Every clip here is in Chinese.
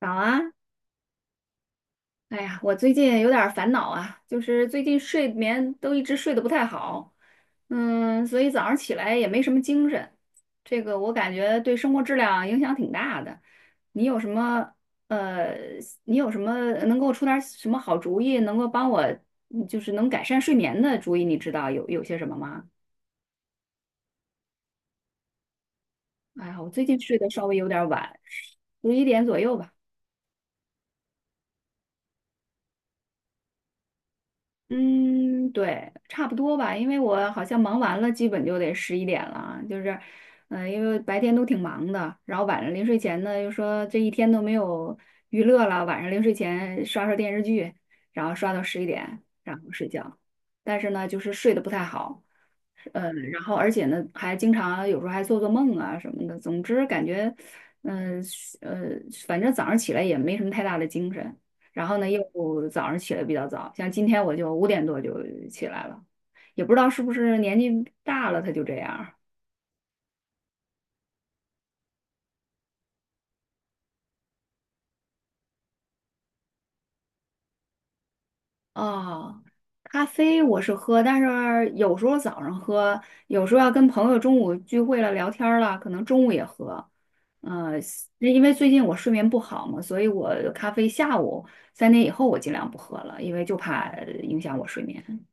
早啊，哎呀，我最近有点儿烦恼啊，就是最近睡眠都一直睡得不太好，所以早上起来也没什么精神，这个我感觉对生活质量影响挺大的。你有什么呃，你有什么能给我出点儿什么好主意，能够帮我就是能改善睡眠的主意？你知道有些什么吗？哎呀，我最近睡得稍微有点儿晚，十一点左右吧。嗯，对，差不多吧，因为我好像忙完了，基本就得十一点了啊，就是，因为白天都挺忙的，然后晚上临睡前呢，又说这一天都没有娱乐了，晚上临睡前刷刷电视剧，然后刷到十一点，然后睡觉，但是呢，就是睡得不太好，然后而且呢，还经常有时候还做做梦啊什么的，总之感觉，嗯、呃，反正早上起来也没什么太大的精神。然后呢又早上起得比较早，像今天我就5点多就起来了，也不知道是不是年纪大了他就这样啊。咖啡我是喝，但是有时候早上喝，有时候要跟朋友中午聚会了聊天儿了，可能中午也喝。呃，因为最近我睡眠不好嘛，所以我咖啡下午三点以后我尽量不喝了，因为就怕影响我睡眠。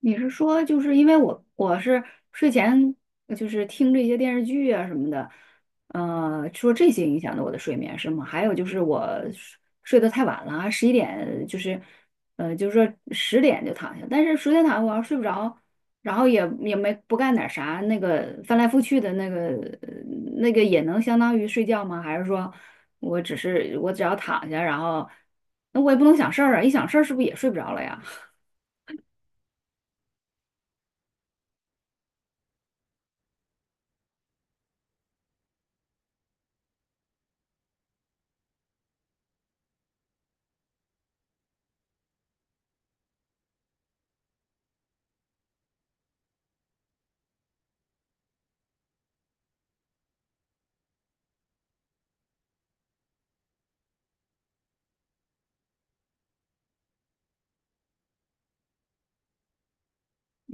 你是说，就是因为我是睡前就是听这些电视剧啊什么的，说这些影响了我的睡眠是吗？还有就是我睡得太晚了，十一点就是，就是说十点就躺下，但是十点躺下我要睡不着，然后也没不干点啥，那个翻来覆去的呃那个也能相当于睡觉吗？还是说我只要躺下，然后那我也不能想事儿啊，一想事儿是不是也睡不着了呀？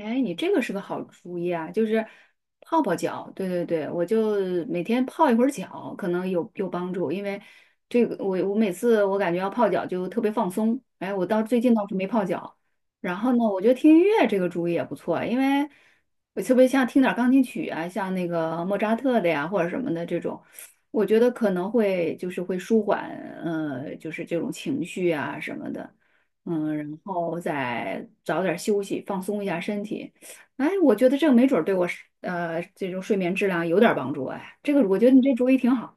哎，你这个是个好主意啊，就是泡泡脚，对对对，我就每天泡一会儿脚，可能有帮助，因为这个我每次我感觉要泡脚就特别放松，哎，我到最近倒是没泡脚，然后呢，我觉得听音乐这个主意也不错，因为我特别像听点儿钢琴曲啊，像那个莫扎特的呀或者什么的这种，我觉得可能会就是会舒缓，就是这种情绪啊什么的。然后再早点休息，放松一下身体。哎，我觉得这个没准儿对我是这种睡眠质量有点儿帮助。哎，这个我觉得你这主意挺好。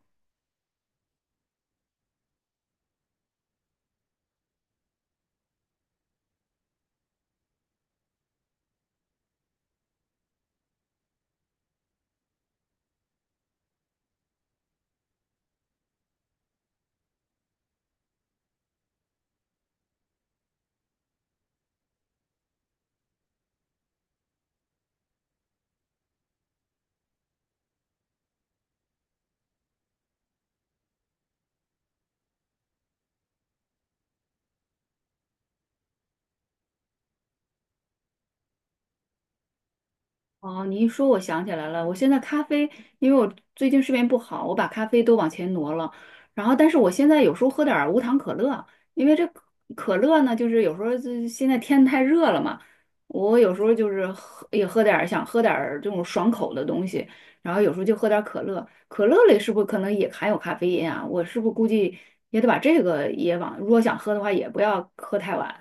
哦，你一说，我想起来了。我现在咖啡，因为我最近睡眠不好，我把咖啡都往前挪了。然后，但是我现在有时候喝点儿无糖可乐，因为这可乐呢，就是有时候现在天太热了嘛，我有时候就是喝也喝点儿想喝点儿这种爽口的东西，然后有时候就喝点儿可乐。可乐里是不是可能也含有咖啡因啊？我是不是估计也得把这个也往，如果想喝的话，也不要喝太晚。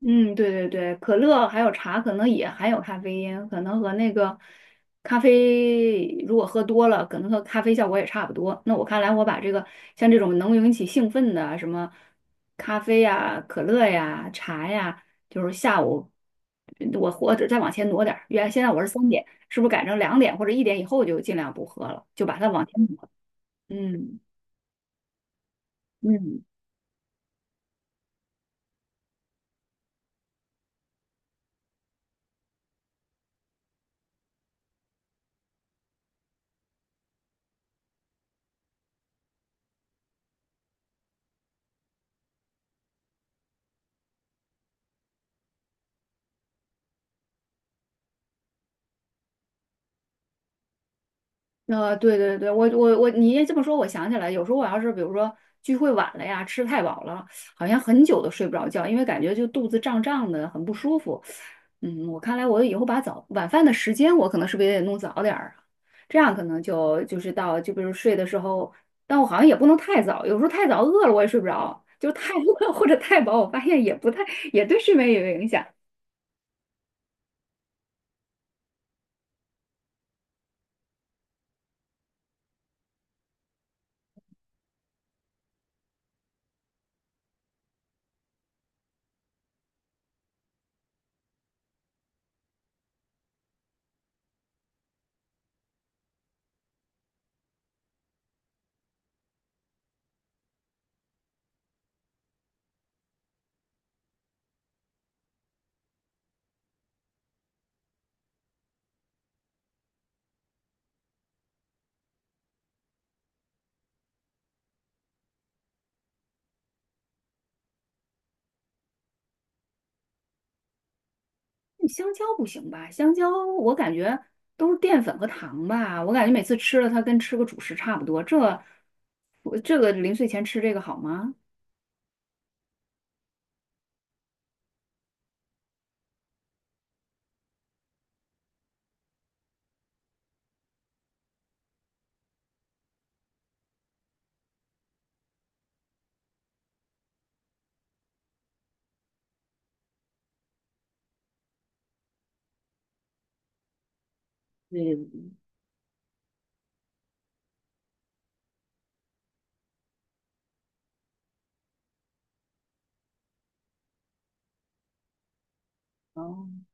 嗯，对对对，可乐还有茶可能也含有咖啡因，可能和那个咖啡如果喝多了，可能和咖啡效果也差不多。那我看来，我把像这种能引起兴奋的什么咖啡呀、可乐呀、茶呀，就是下午我或者再往前挪点儿，原来现在我是三点，是不是改成2点或者一点以后就尽量不喝了，就把它往前挪？嗯嗯。对对对，我，你这么说，我想起来，有时候我要是比如说聚会晚了呀，吃太饱了，好像很久都睡不着觉，因为感觉就肚子胀胀的，很不舒服。我看来我以后把早晚饭的时间，我可能是不是也得弄早点儿啊？这样可能就是到就比如睡的时候，但我好像也不能太早，有时候太早饿了我也睡不着，就太饿 或者太饱，我发现也不太也对睡眠也有影响。香蕉不行吧？香蕉我感觉都是淀粉和糖吧，我感觉每次吃了它跟吃个主食差不多。我这个临睡前吃这个好吗？对，哦。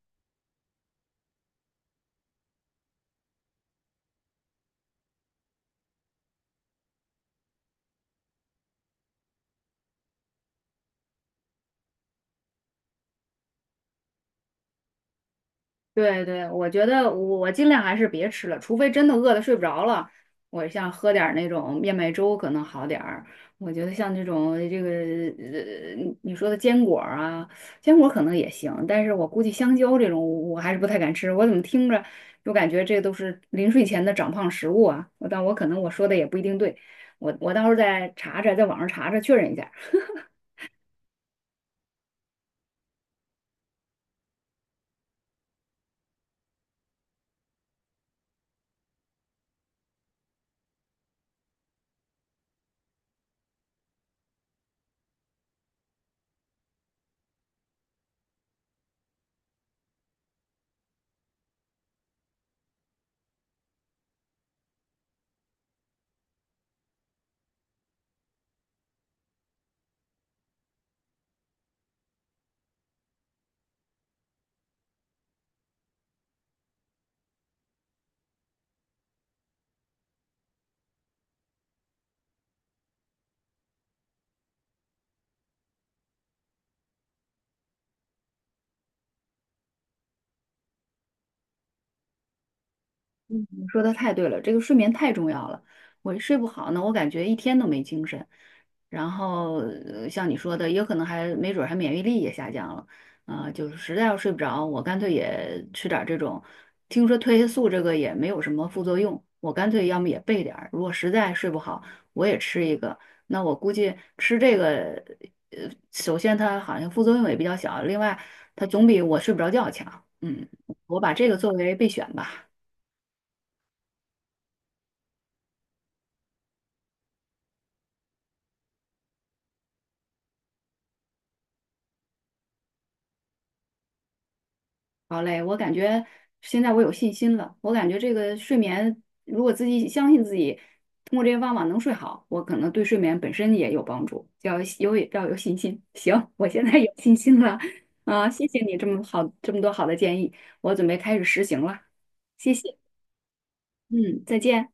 对对，我觉得我尽量还是别吃了，除非真的饿得睡不着了，我像喝点儿那种燕麦粥可能好点儿。我觉得像这种你说的坚果儿啊，坚果儿可能也行，但是我估计香蕉这种我还是不太敢吃。我怎么听着就感觉这都是临睡前的长胖食物啊？但我可能我说的也不一定对，我到时候再查查，在网上查查确认一下。你说的太对了，这个睡眠太重要了。我一睡不好呢，我感觉一天都没精神。然后，像你说的，也有可能还没准儿还免疫力也下降了。啊、就是实在要睡不着，我干脆也吃点儿这种。听说褪黑素这个也没有什么副作用，我干脆要么也备点儿。如果实在睡不好，我也吃一个。那我估计吃这个，首先它好像副作用也比较小，另外它总比我睡不着觉强。嗯，我把这个作为备选吧。好嘞，我感觉现在我有信心了。我感觉这个睡眠，如果自己相信自己，通过这些方法能睡好，我可能对睡眠本身也有帮助。要有信心。行，我现在有信心了啊！谢谢你这么多好的建议，我准备开始实行了。谢谢，嗯，再见。